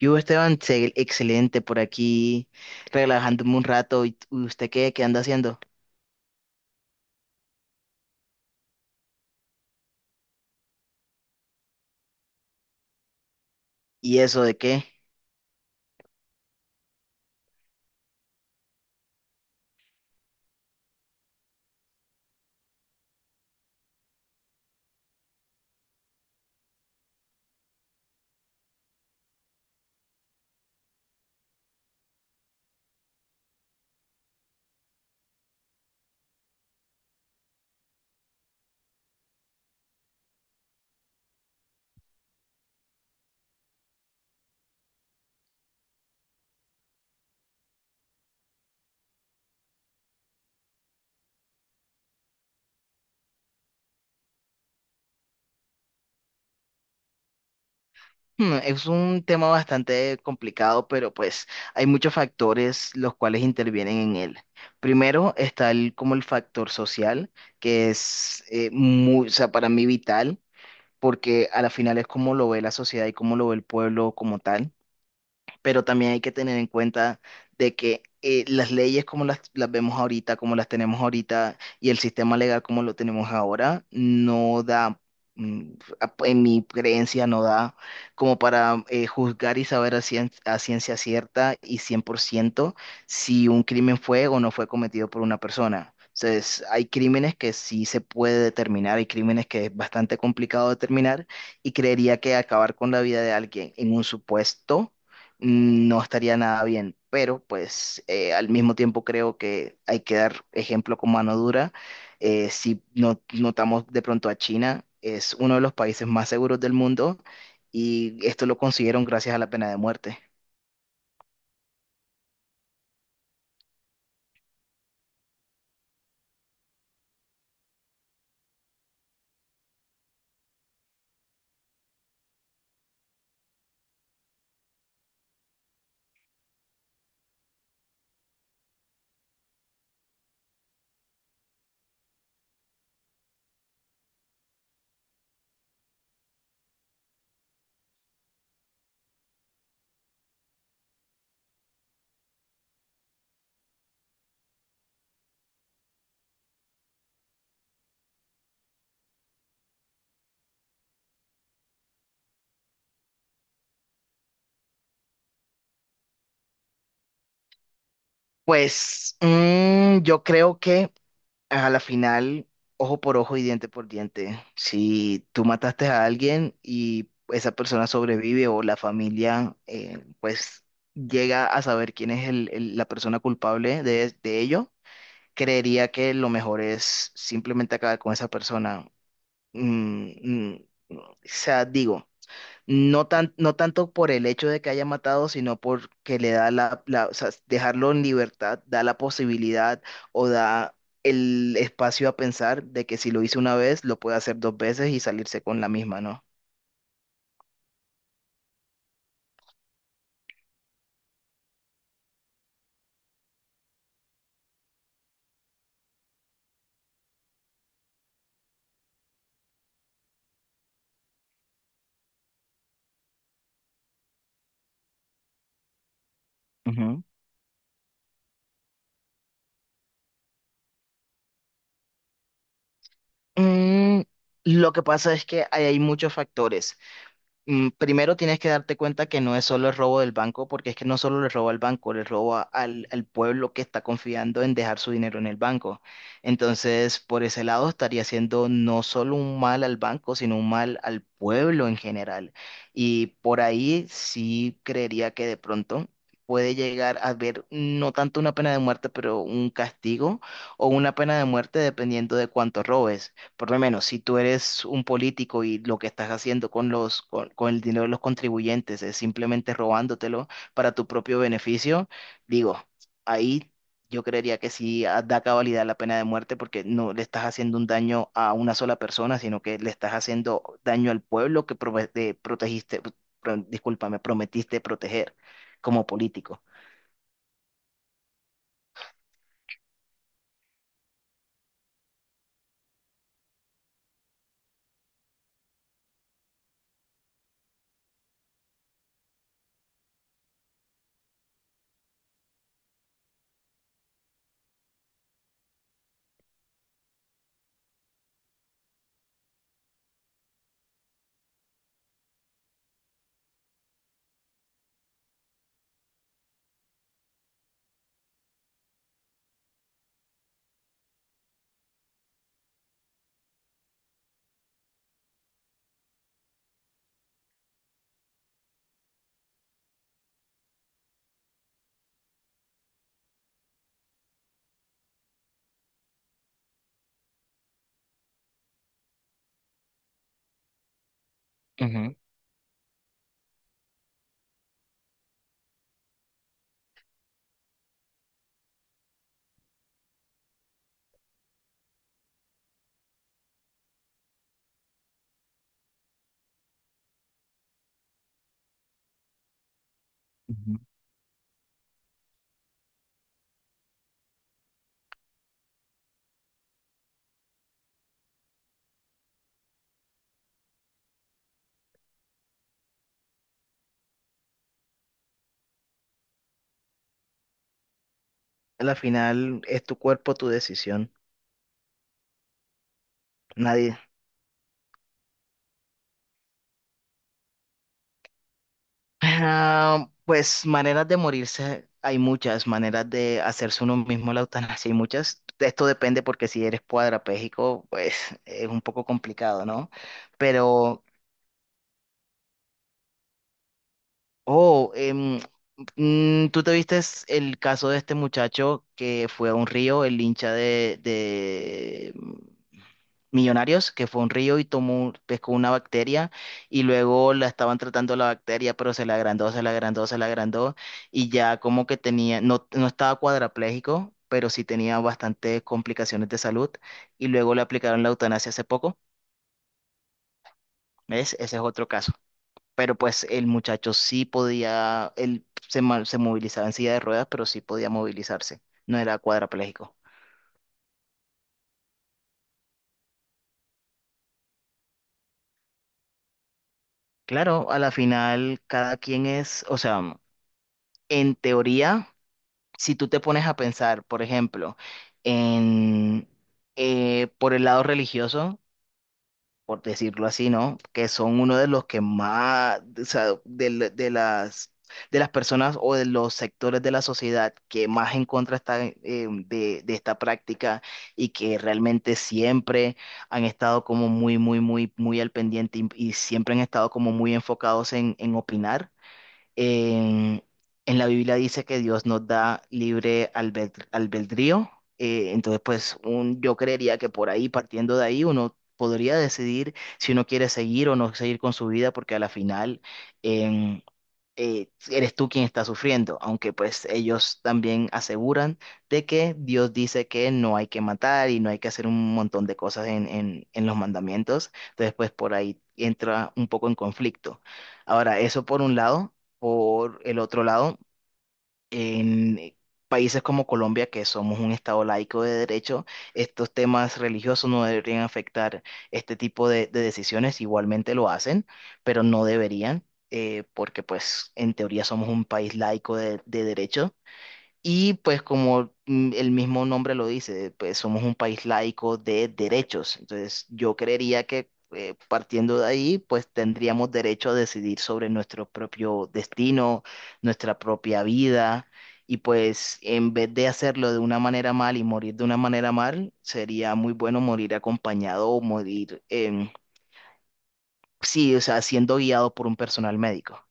Yo, Esteban, excelente por aquí, relajándome un rato. ¿Y usted qué, qué anda haciendo? ¿Y eso de qué? Es un tema bastante complicado, pero pues hay muchos factores los cuales intervienen en él. Primero está como el factor social, que es muy, o sea, para mí vital, porque a la final es como lo ve la sociedad y cómo lo ve el pueblo como tal. Pero también hay que tener en cuenta de que las leyes como las vemos ahorita, como las tenemos ahorita, y el sistema legal como lo tenemos ahora, no da, mm, en mi creencia, no da como para juzgar y saber a ciencia cierta y 100% si un crimen fue o no fue cometido por una persona. Entonces, hay crímenes que sí se puede determinar, hay crímenes que es bastante complicado determinar y creería que acabar con la vida de alguien en un supuesto no estaría nada bien. Pero pues al mismo tiempo creo que hay que dar ejemplo con mano dura. Si no, notamos de pronto a China, es uno de los países más seguros del mundo y esto lo consiguieron gracias a la pena de muerte. Pues yo creo que a la final, ojo por ojo y diente por diente. Si tú mataste a alguien y esa persona sobrevive o la familia, pues llega a saber quién es la persona culpable de ello, creería que lo mejor es simplemente acabar con esa persona. Mm, mm, o sea, digo. No tan, no tanto por el hecho de que haya matado, sino porque le da o sea, dejarlo en libertad, da la posibilidad o da el espacio a pensar de que si lo hizo una vez, lo puede hacer dos veces y salirse con la misma, ¿no? Ujú. Mm, lo que pasa es que ahí hay muchos factores. Primero tienes que darte cuenta que no es solo el robo del banco, porque es que no solo le roba al banco, le roba al pueblo que está confiando en dejar su dinero en el banco. Entonces, por ese lado estaría haciendo no solo un mal al banco, sino un mal al pueblo en general. Y por ahí sí creería que de pronto puede llegar a haber no tanto una pena de muerte, pero un castigo o una pena de muerte dependiendo de cuánto robes. Por lo menos, si tú eres un político y lo que estás haciendo con con el dinero de los contribuyentes es simplemente robándotelo para tu propio beneficio, digo, ahí yo creería que sí da cabalidad la pena de muerte porque no le estás haciendo un daño a una sola persona, sino que le estás haciendo daño al pueblo que protegiste, discúlpame, prometiste proteger como político. Ujú. Al final es tu cuerpo, tu decisión. Nadie. Ah, pues maneras de morirse, hay muchas maneras de hacerse uno mismo la eutanasia, hay muchas. Esto depende porque si eres cuadrapléjico, pues es un poco complicado, ¿no? Pero, oh, em, ¿tú te viste el caso de este muchacho que fue a un río, el hincha Millonarios, que fue a un río y tomó, pescó una bacteria y luego la estaban tratando la bacteria, pero se la agrandó, se la agrandó y ya como que tenía, no, no estaba cuadraplégico, pero sí tenía bastantes complicaciones de salud y luego le aplicaron la eutanasia hace poco. ¿Ves? Ese es otro caso, pero pues el muchacho sí podía, él se movilizaba en silla de ruedas, pero sí podía movilizarse, no era cuadrapléjico. Claro, a la final cada quien es, o sea, en teoría, si tú te pones a pensar, por ejemplo, en por el lado religioso, por decirlo así, ¿no? Que son uno de los que más, o sea, de las personas o de los sectores de la sociedad que más en contra están de esta práctica y que realmente siempre han estado como muy al pendiente y siempre han estado como muy enfocados en opinar. En, en la Biblia dice que Dios nos da libre albedrío. Entonces, pues un, yo creería que por ahí, partiendo de ahí, uno podría decidir si uno quiere seguir o no seguir con su vida, porque a la final, eres tú quien está sufriendo, aunque pues ellos también aseguran de que Dios dice que no hay que matar y no hay que hacer un montón de cosas en los mandamientos, entonces pues por ahí entra un poco en conflicto. Ahora, eso por un lado, por el otro lado. En países como Colombia, que somos un estado laico de derecho, estos temas religiosos no deberían afectar este tipo de decisiones. Igualmente lo hacen, pero no deberían, porque pues en teoría somos un país laico de derecho. Y pues como el mismo nombre lo dice, pues somos un país laico de derechos. Entonces yo creería que partiendo de ahí, pues tendríamos derecho a decidir sobre nuestro propio destino, nuestra propia vida. Y pues en vez de hacerlo de una manera mal y morir de una manera mal, sería muy bueno morir acompañado o morir, sí, o sea, siendo guiado por un personal médico.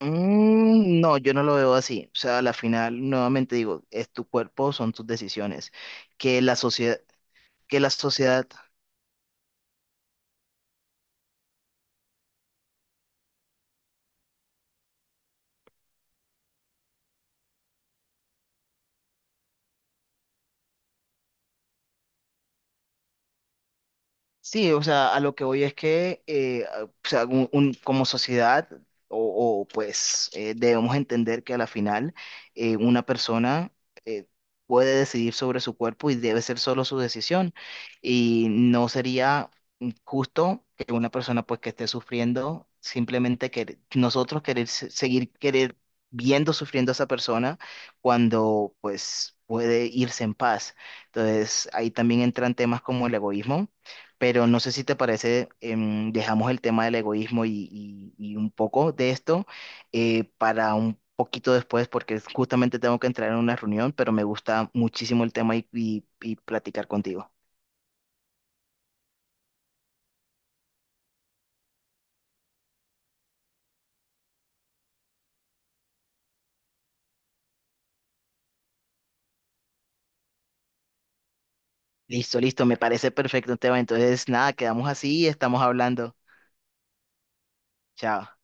Mm, no, yo no lo veo así. O sea, a la final, nuevamente digo, es tu cuerpo, son tus decisiones. Que la sociedad, que la sociedad, sí, o sea, a lo que voy es que o sea, como sociedad pues debemos entender que a la final una persona eh, puede decidir sobre su cuerpo y debe ser solo su decisión y no sería justo que una persona pues que esté sufriendo simplemente que nosotros querer seguir querer viendo sufriendo a esa persona cuando pues puede irse en paz. Entonces ahí también entran temas como el egoísmo, pero no sé si te parece, dejamos el tema del egoísmo y un poco de esto para un poquito después, porque justamente tengo que entrar en una reunión, pero me gusta muchísimo el tema y platicar contigo. Listo, listo, me parece perfecto el tema. Entonces, nada, quedamos así y estamos hablando. Chao.